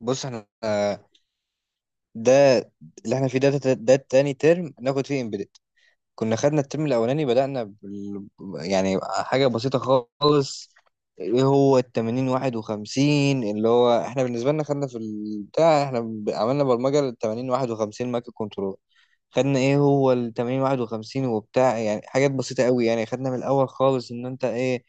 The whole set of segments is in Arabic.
بص احنا، ده اللي احنا فيه ده تاني ترم ناخد فيه امبيدد. كنا خدنا الترم الاولاني بدأنا. يعني حاجة بسيطة خالص. ايه هو ال 80 51؟ اللي هو احنا بالنسبة لنا خدنا في البتاع، احنا عملنا برمجة لل 80 51 مايكرو كنترول. خدنا ايه هو ال 80 51 وبتاع، يعني حاجات بسيطة قوي. يعني خدنا من الاول خالص ان انت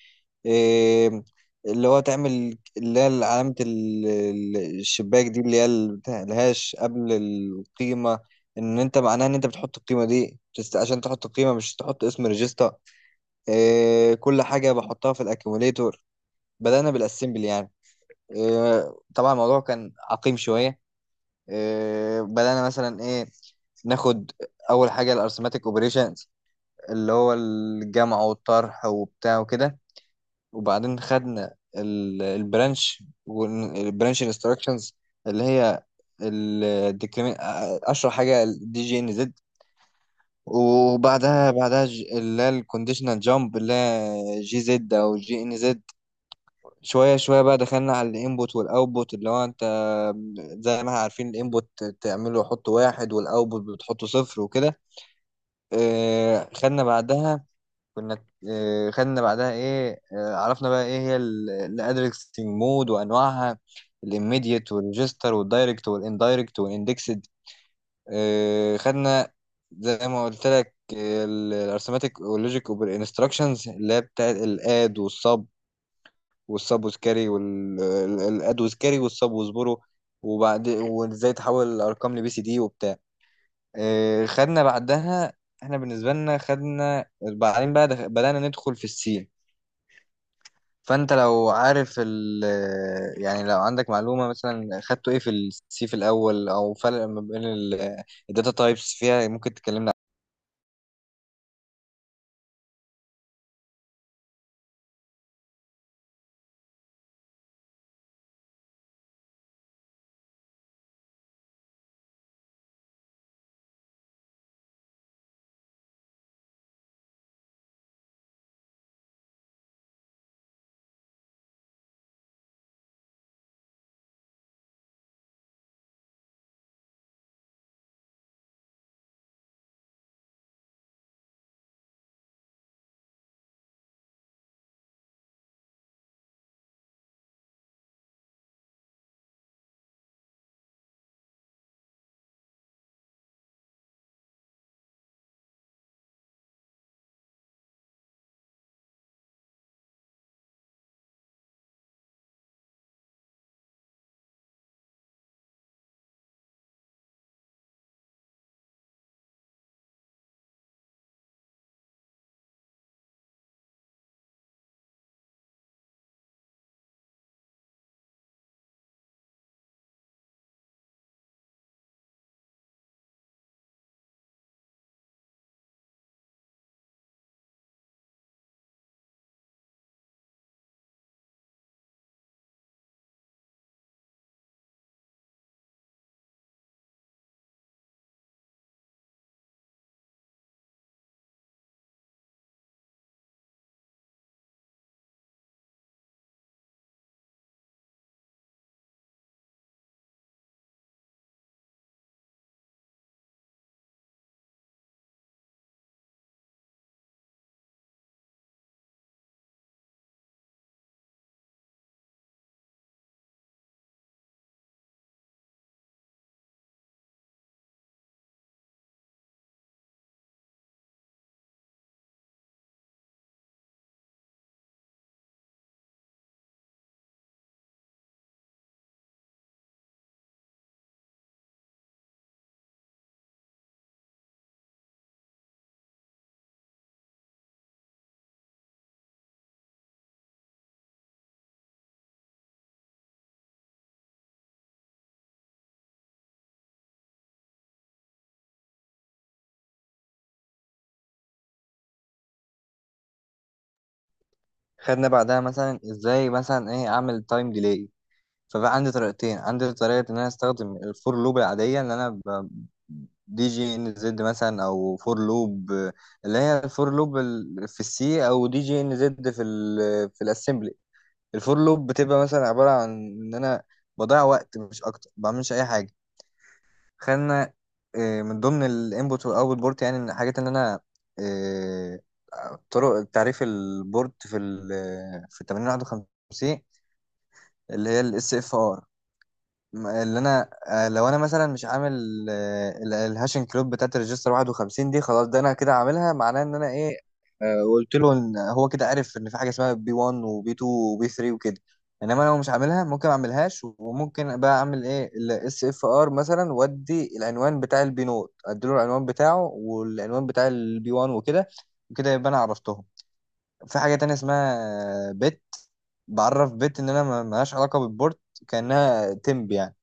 إيه اللي هو تعمل، اللي هي علامة الشباك دي، اللي هي بتاع الهاش قبل القيمة. ان انت معناها ان انت بتحط القيمة دي عشان تحط القيمة، مش تحط اسم ريجستا. إيه، كل حاجة بحطها في الاكيوميليتور. بدأنا بالاسمبل يعني. إيه، طبعا الموضوع كان عقيم شوية. إيه، بدأنا مثلا ايه ناخد اول حاجه الارثماتيك اوبريشنز، اللي هو الجمع والطرح وبتاع وكده. وبعدين خدنا البرانش انستراكشنز، اللي هي الديكريمنت، اشهر حاجه الدي جي ان زد. وبعدها اللي هي الكونديشنال جامب، اللي هي جي زد او جي ان زد. شوية شوية بقى دخلنا على الانبوت والاوتبوت، اللي هو انت زي ما احنا عارفين الانبوت تعمله حط واحد والاوتبوت بتحطه صفر وكده. خدنا بعدها، كنا خدنا بعدها ايه آه، عرفنا بقى ايه هي الادريسنج مود وانواعها: الاميديت والريجستر والدايركت والاندايركت والاندكسد. خدنا، زي ما قلت لك، الارثماتيك واللوجيك والانستراكشنز، اللي هي بتاعت الاد والسب والسابوز كاري والادوز كاري والسابوز برو. وبعد، وازاي تحول الارقام لبي سي دي وبتاع. خدنا بعدها، احنا بالنسبه لنا خدنا بعدين بقى بدانا ندخل في السين. فانت لو عارف ال، يعني لو عندك معلومه مثلا خدته ايه في السي في الاول، او فرق ما بين الداتا تايبس فيها، ممكن تكلمنا. خدنا بعدها مثلا ازاي مثلا ايه اعمل تايم ديلي. فبقى عندي طريقتين، عندي طريقة إن أنا أستخدم الفور لوب العادية، دي جي إن زد مثلا أو فور لوب، اللي هي الفور لوب في السي أو دي جي إن زد في الأسمبلي. الفور لوب بتبقى مثلا عبارة عن إن أنا بضيع وقت، مش أكتر، ما بعملش أي حاجة. خلينا، من ضمن الانبوت والأوتبوت بورت، يعني إن حاجات إن أنا آه، طرق تعريف البورت في 8051، اللي هي الاس اف ار. اللي انا، لو انا مثلا مش عامل الهاشنج كلوب بتاعت الريجستر 51 دي، خلاص ده انا كده عاملها، معناه ان انا ايه. قلت له ان هو كده عارف ان في حاجه اسمها بي 1 وبي 2 وبي 3 وكده. انما انا لو مش عاملها ممكن ما اعملهاش، وممكن بقى اعمل ايه الاس اف ار مثلا، وادي العنوان بتاع البي نوت، اديله العنوان بتاعه والعنوان بتاع البي 1 وكده، وكده يبقى انا عرفتهم. في حاجه تانية اسمها بت، بعرف بت ان انا ملهاش علاقه بالبورت، كانها تمب يعني.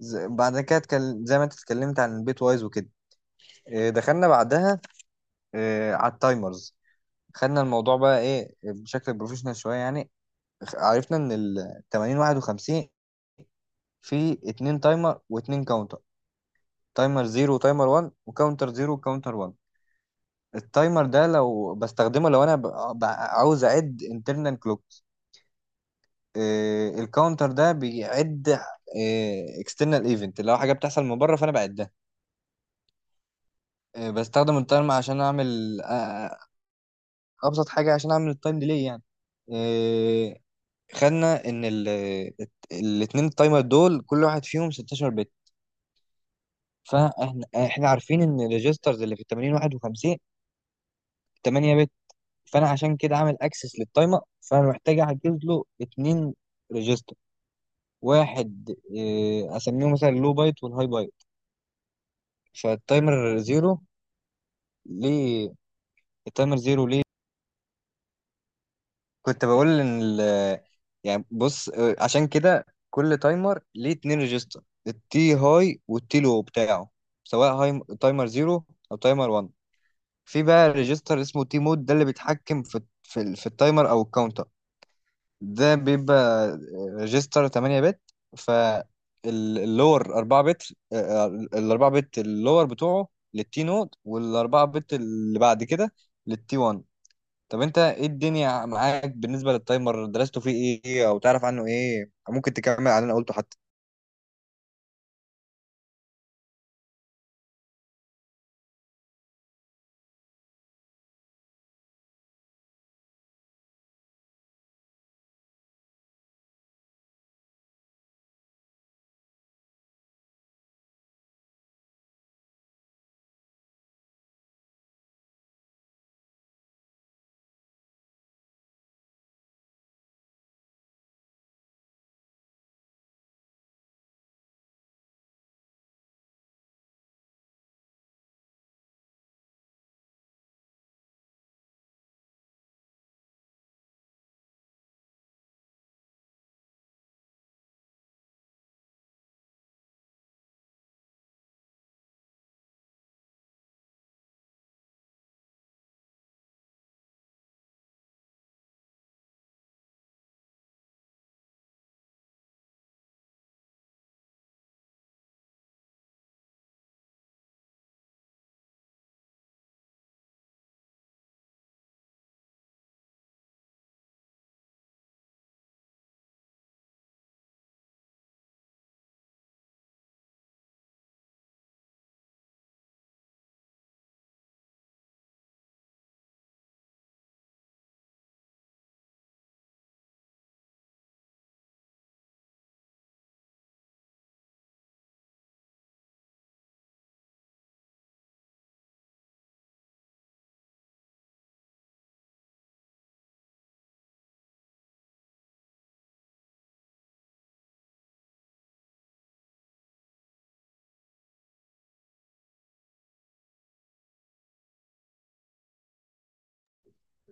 بعد كده اتكلم زي ما انت اتكلمت عن البيت وايز وكده. دخلنا بعدها على التايمرز. خدنا الموضوع بقى ايه بشكل بروفيشنال شويه يعني. عرفنا ان ال 80 51 في اتنين تايمر واتنين كاونتر: تايمر 0 وتايمر 1 وكاونتر 0 وكاونتر 1. التايمر ده لو بستخدمه لو انا عاوز اعد انترنال كلوكس. الكاونتر ده بيعد اكسترنال ايفنت، اللي هو حاجه بتحصل من بره. فانا بعدها بستخدم التايمر عشان اعمل ابسط حاجه، عشان اعمل التايم ديلي يعني. إيه، خدنا ان الاثنين التايمر دول كل واحد فيهم 16 بت. فاحنا عارفين ان الريجسترز اللي في ال 80 51 8 بت. فانا عشان كده عامل اكسس للتايمر، فانا محتاج احجز له اثنين ريجستر، واحد إيه اسميه مثلا اللو بايت والهاي بايت. فالتايمر زيرو ليه؟ التايمر زيرو ليه؟ كنت بقول ان ال... يعني بص، عشان كده كل تايمر ليه اتنين ريجستر، التي هاي والتي لو بتاعه، سواء هاي تايمر زيرو او تايمر 1. في بقى ريجستر اسمه تي مود، ده اللي بيتحكم في في التايمر او الكاونتر. ده بيبقى ريجستر 8 بت. فاللور 4 بت، ال 4 بت اللور بتوعه للتي نود، وال 4 بت اللي بعد كده للتي 1. طب انت ايه الدنيا معاك بالنسبة للتايمر، درسته فيه ايه او تعرف عنه ايه، ممكن تكمل على اللي انا قلته حتى.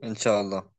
ان شاء الله.